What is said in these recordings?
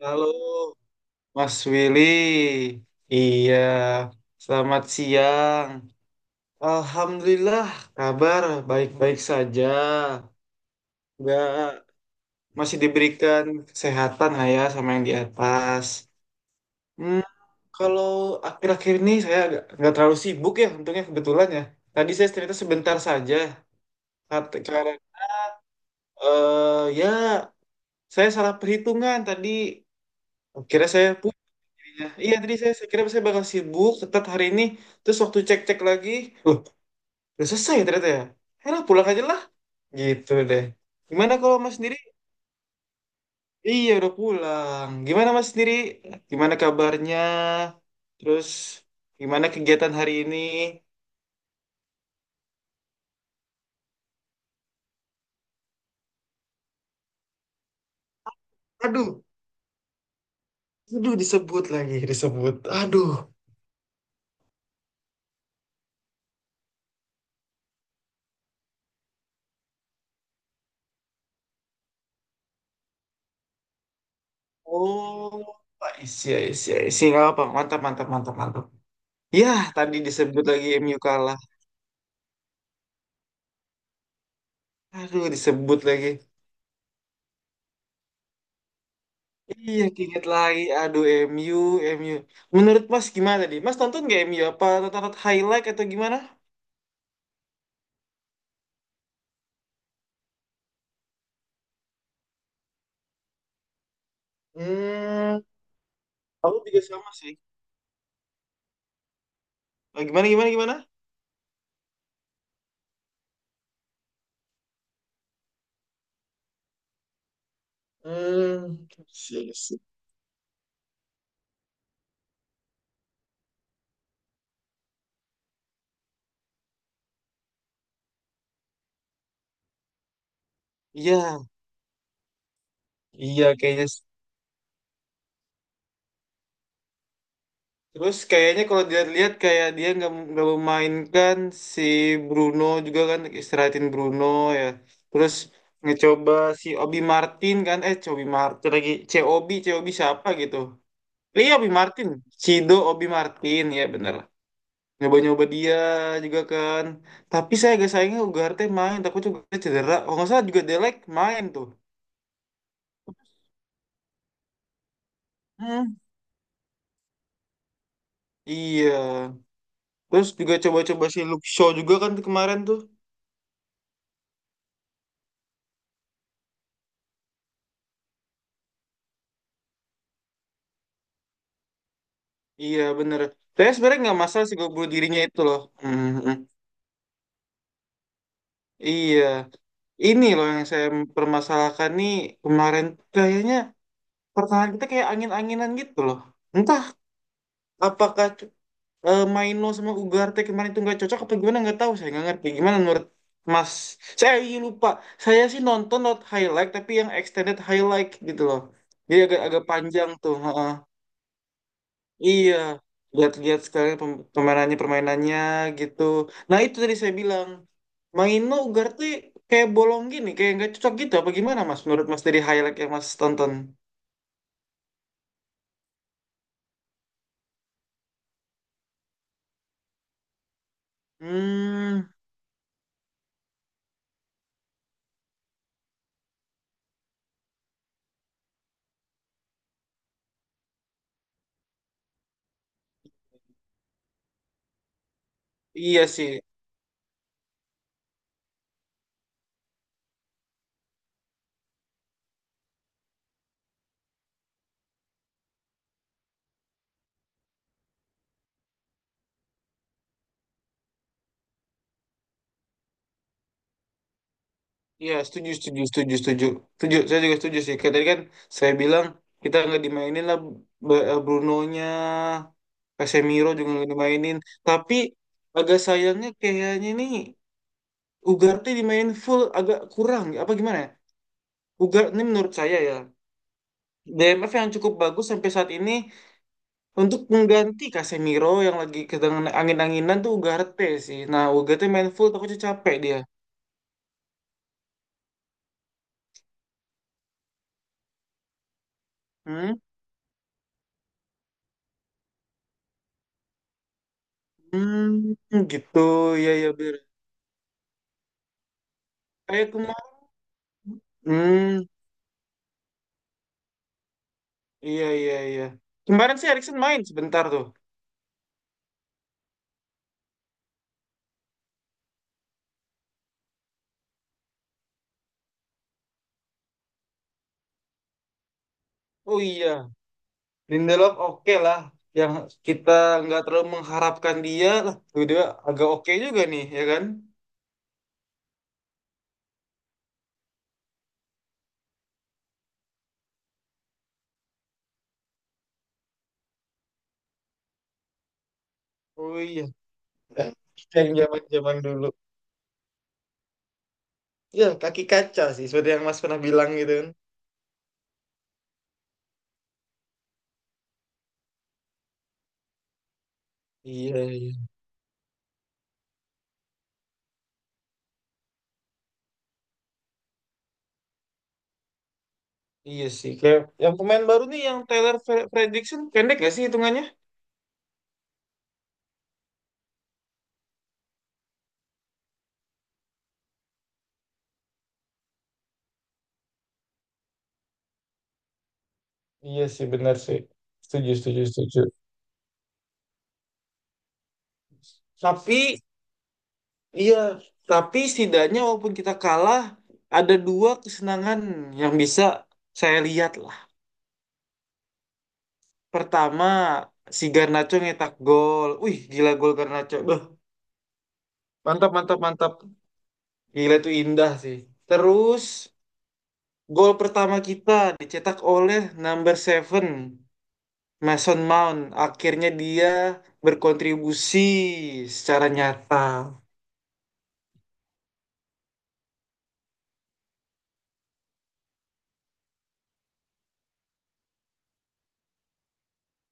Halo, Mas Willy. Iya, selamat siang. Alhamdulillah, kabar baik-baik saja. Nggak, masih diberikan kesehatan lah ya sama yang di atas. Hmm, kalau akhir-akhir ini saya nggak terlalu sibuk ya, untungnya kebetulan ya. Tadi saya ternyata sebentar saja. Karena, ya, saya salah perhitungan tadi. Akhirnya saya pusing. Iya, iya, tadi saya kira saya bakal sibuk tetap hari ini. Terus waktu cek-cek lagi, loh, udah selesai ya ternyata ya. Ya lah, pulang aja lah. Gitu deh. Gimana kalau Mas sendiri? Iya, udah pulang. Gimana Mas sendiri? Gimana kabarnya? Terus gimana kegiatan hari ini? Aduh, aduh disebut lagi, disebut. Aduh. Oh, isi, isi, isi. Gak apa, mantap, mantap, mantap, mantap. Yah, tadi disebut lagi MU kalah. Aduh, disebut lagi. Iya, keinget lagi. Aduh, MU, MU. Menurut Mas gimana tadi Mas nonton nggak MU? Apa tonton highlight atau gimana? Hmm, Aku juga sama sih. Oh, gimana, gimana, gimana? hmm, sih, sih. Iya, iya kayaknya. Terus kayaknya kalau dilihat-lihat kayak dia nggak memainkan si Bruno juga kan istirahatin Bruno ya. Terus ngecoba si Obi Martin kan? Eh, Cobi Martin lagi. COB, COB siapa gitu? Iya, Obi Martin. Cido Obi Martin, ya bener. Nyoba-nyoba dia juga kan. Tapi saya agak sayangnya Ugarte main, takut juga cedera. Kalau nggak salah juga Delek main tuh. Hmm. Iya. Terus juga coba-coba si Luke Shaw juga kan tuh kemarin tuh. Iya, bener. Saya sebenarnya nggak masalah sih gol bunuh dirinya itu loh. Hmm. Iya. Ini loh yang saya permasalahkan nih kemarin kayaknya pertahanan kita kayak angin-anginan gitu loh. Entah apakah Maino sama Ugarte kemarin itu nggak cocok apa gimana nggak tahu saya nggak ngerti gimana menurut Mas saya lupa saya sih nonton not highlight tapi yang extended highlight gitu loh jadi agak agak panjang tuh heeh. Iya lihat-lihat sekarang permainannya permainannya gitu nah itu tadi saya bilang Maino Ugarte kayak bolong gini kayak nggak cocok gitu apa gimana Mas menurut Mas dari highlight yang Mas tonton. Hmm, iya sih. Iya, setuju, setuju, setuju, setuju. Setuju, saya juga setuju sih. Kayak tadi kan saya bilang kita nggak dimainin lah Brunonya, Casemiro juga nggak dimainin. Tapi agak sayangnya kayaknya nih Ugarte dimainin full agak kurang. Apa gimana ya? Ugarte ini menurut saya ya, DMF yang cukup bagus sampai saat ini untuk mengganti Casemiro yang lagi sedang angin-anginan tuh Ugarte sih. Nah, Ugarte main full takutnya capek dia. Hmm, hmm gitu, ya ya bener. Kayak hmm, iya iya iya. Kemarin sih Erikson main sebentar tuh. Oh iya, Lindelof oke lah. Yang kita nggak terlalu mengharapkan dia lah, tuh dia agak oke juga nih, ya kan? Oh iya, Eh, yang zaman-zaman dulu. Ya, kaki kaca sih, seperti yang Mas pernah bilang gitu kan. Iya, iya. Iya sih, kayak yang pemain baru nih yang Taylor Fredrickson pendek gak sih hitungannya? Iya sih, benar sih. Setuju, setuju, setuju. Tapi iya, tapi setidaknya walaupun kita kalah, ada dua kesenangan yang bisa saya lihat lah. Pertama, si Garnacho nyetak gol. Wih, gila gol Garnacho. Beuh, mantap, mantap, mantap. Gila itu indah sih. Terus, gol pertama kita dicetak oleh number 7, Mason Mount. Akhirnya dia berkontribusi secara nyata.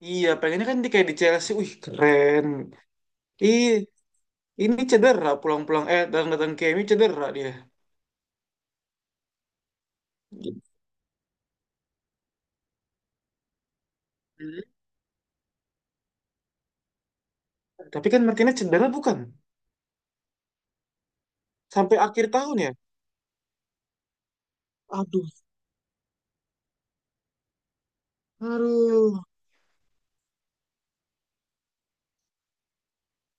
Iya, pengennya kan di kayak di Chelsea. Wih, keren. Ih, ini cedera pulang-pulang datang-datang KMU cedera dia. Hmm. Tapi kan Martinez cedera bukan? Sampai akhir tahun ya? Aduh, aduh.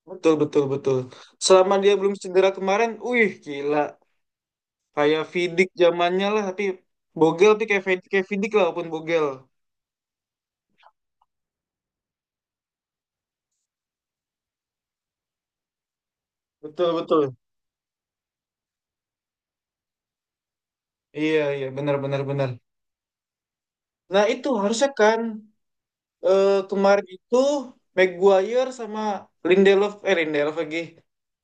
Betul, betul, betul. Selama dia belum cedera kemarin, wih gila. Kayak Vidic zamannya lah, tapi Bogel tapi kayak Vidic lah walaupun Bogel. Betul, betul. Iya, iya, benar, benar, benar. Nah itu harusnya kan eh, kemarin itu Maguire sama Lindelof lagi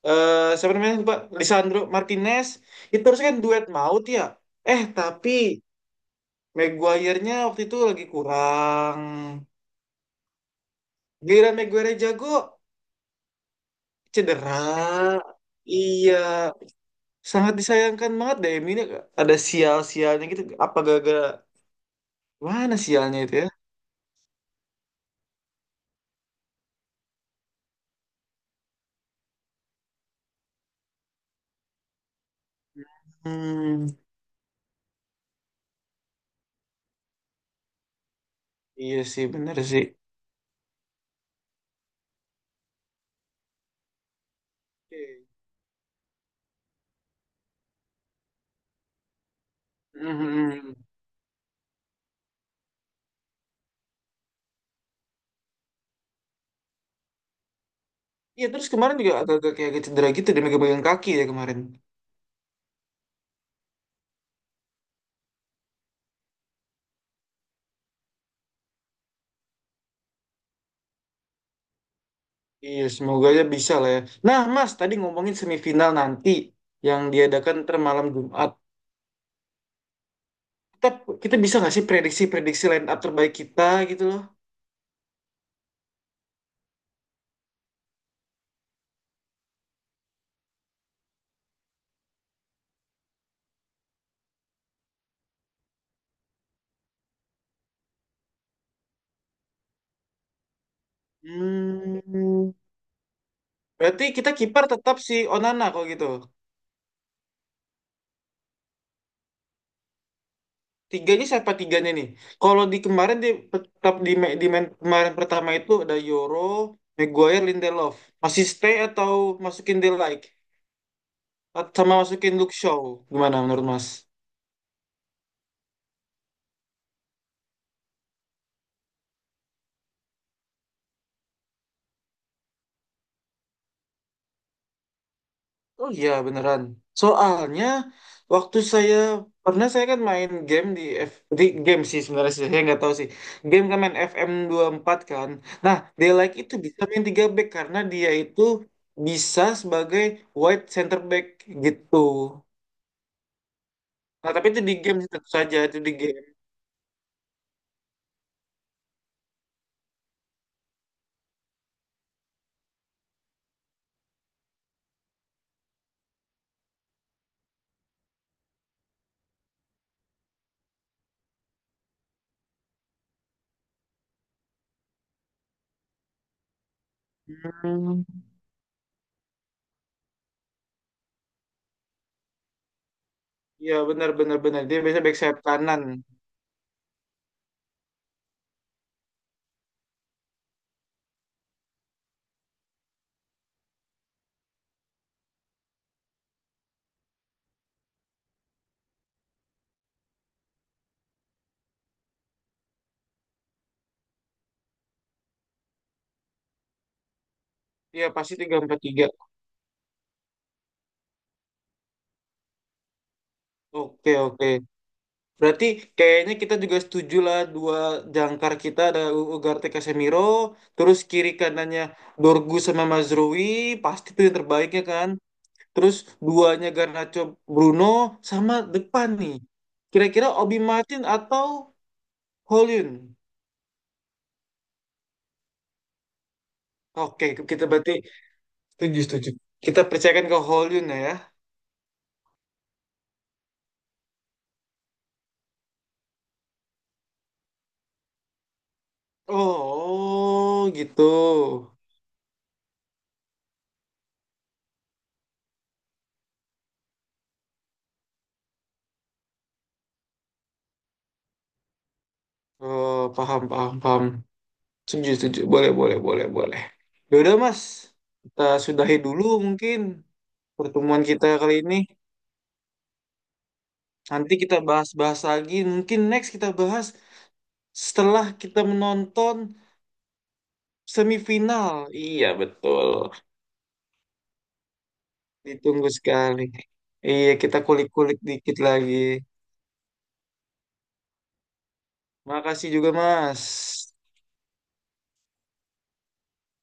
eh siapa namanya lupa Lisandro Martinez itu harusnya kan duet maut ya eh tapi Maguire-nya waktu itu lagi kurang giliran Maguire jago cedera iya sangat disayangkan banget deh MU ini ada sial-sialnya gitu apa gara-gara mana sialnya itu ya. Hmm iya sih bener sih. Oke. Mhm. Iya terus kemarin juga agak agak kayak cedera gitu dia megang kaki ya kemarin. Iya semoga aja bisa lah ya. Nah Mas tadi ngomongin semifinal nanti yang diadakan ntar malam Jumat. Kita, kita bisa nggak sih prediksi-prediksi line up terbaik kita gitu loh? Hmm, berarti kita kiper tetap si Onana kalau gitu. Tiganya siapa tiganya nih? Kalau di kemarin di tetap di, ma- di main kemarin pertama itu ada Yoro, Maguire, Lindelof. Masih stay atau masukin De Ligt? Sama masukin Luke Shaw. Gimana menurut Mas? Oh iya beneran. Soalnya waktu saya pernah saya kan main game di F di game sih sebenarnya sih saya nggak tahu sih. Game kan main FM 4 kan. Nah, dia like itu bisa main 3 back karena dia itu bisa sebagai wide center back gitu. Nah, tapi itu di game sih, tentu saja itu di game. Hmm. Iya benar benar benar. Dia biasa back sayap kanan. Iya pasti tiga empat tiga. Oke oke. Berarti kayaknya kita juga setuju lah dua jangkar kita ada Ugarte Casemiro, terus kiri kanannya Dorgu sama Mazrui, pasti itu yang terbaiknya kan. Terus duanya Garnacho Bruno sama depan nih. Kira-kira Obi Martin atau Hollywood? Oke, kita berarti setuju setuju. Kita percayakan ke Hollywood ya. Oh, gitu. Oh, paham paham paham. Setuju, setuju. Boleh, boleh, boleh, boleh. Ya udah, Mas. Kita sudahi dulu mungkin pertemuan kita kali ini. Nanti kita bahas-bahas lagi. Mungkin next kita bahas setelah kita menonton semifinal. Iya, betul. Ditunggu sekali. Iya, kita kulik-kulik dikit lagi. Makasih juga, Mas.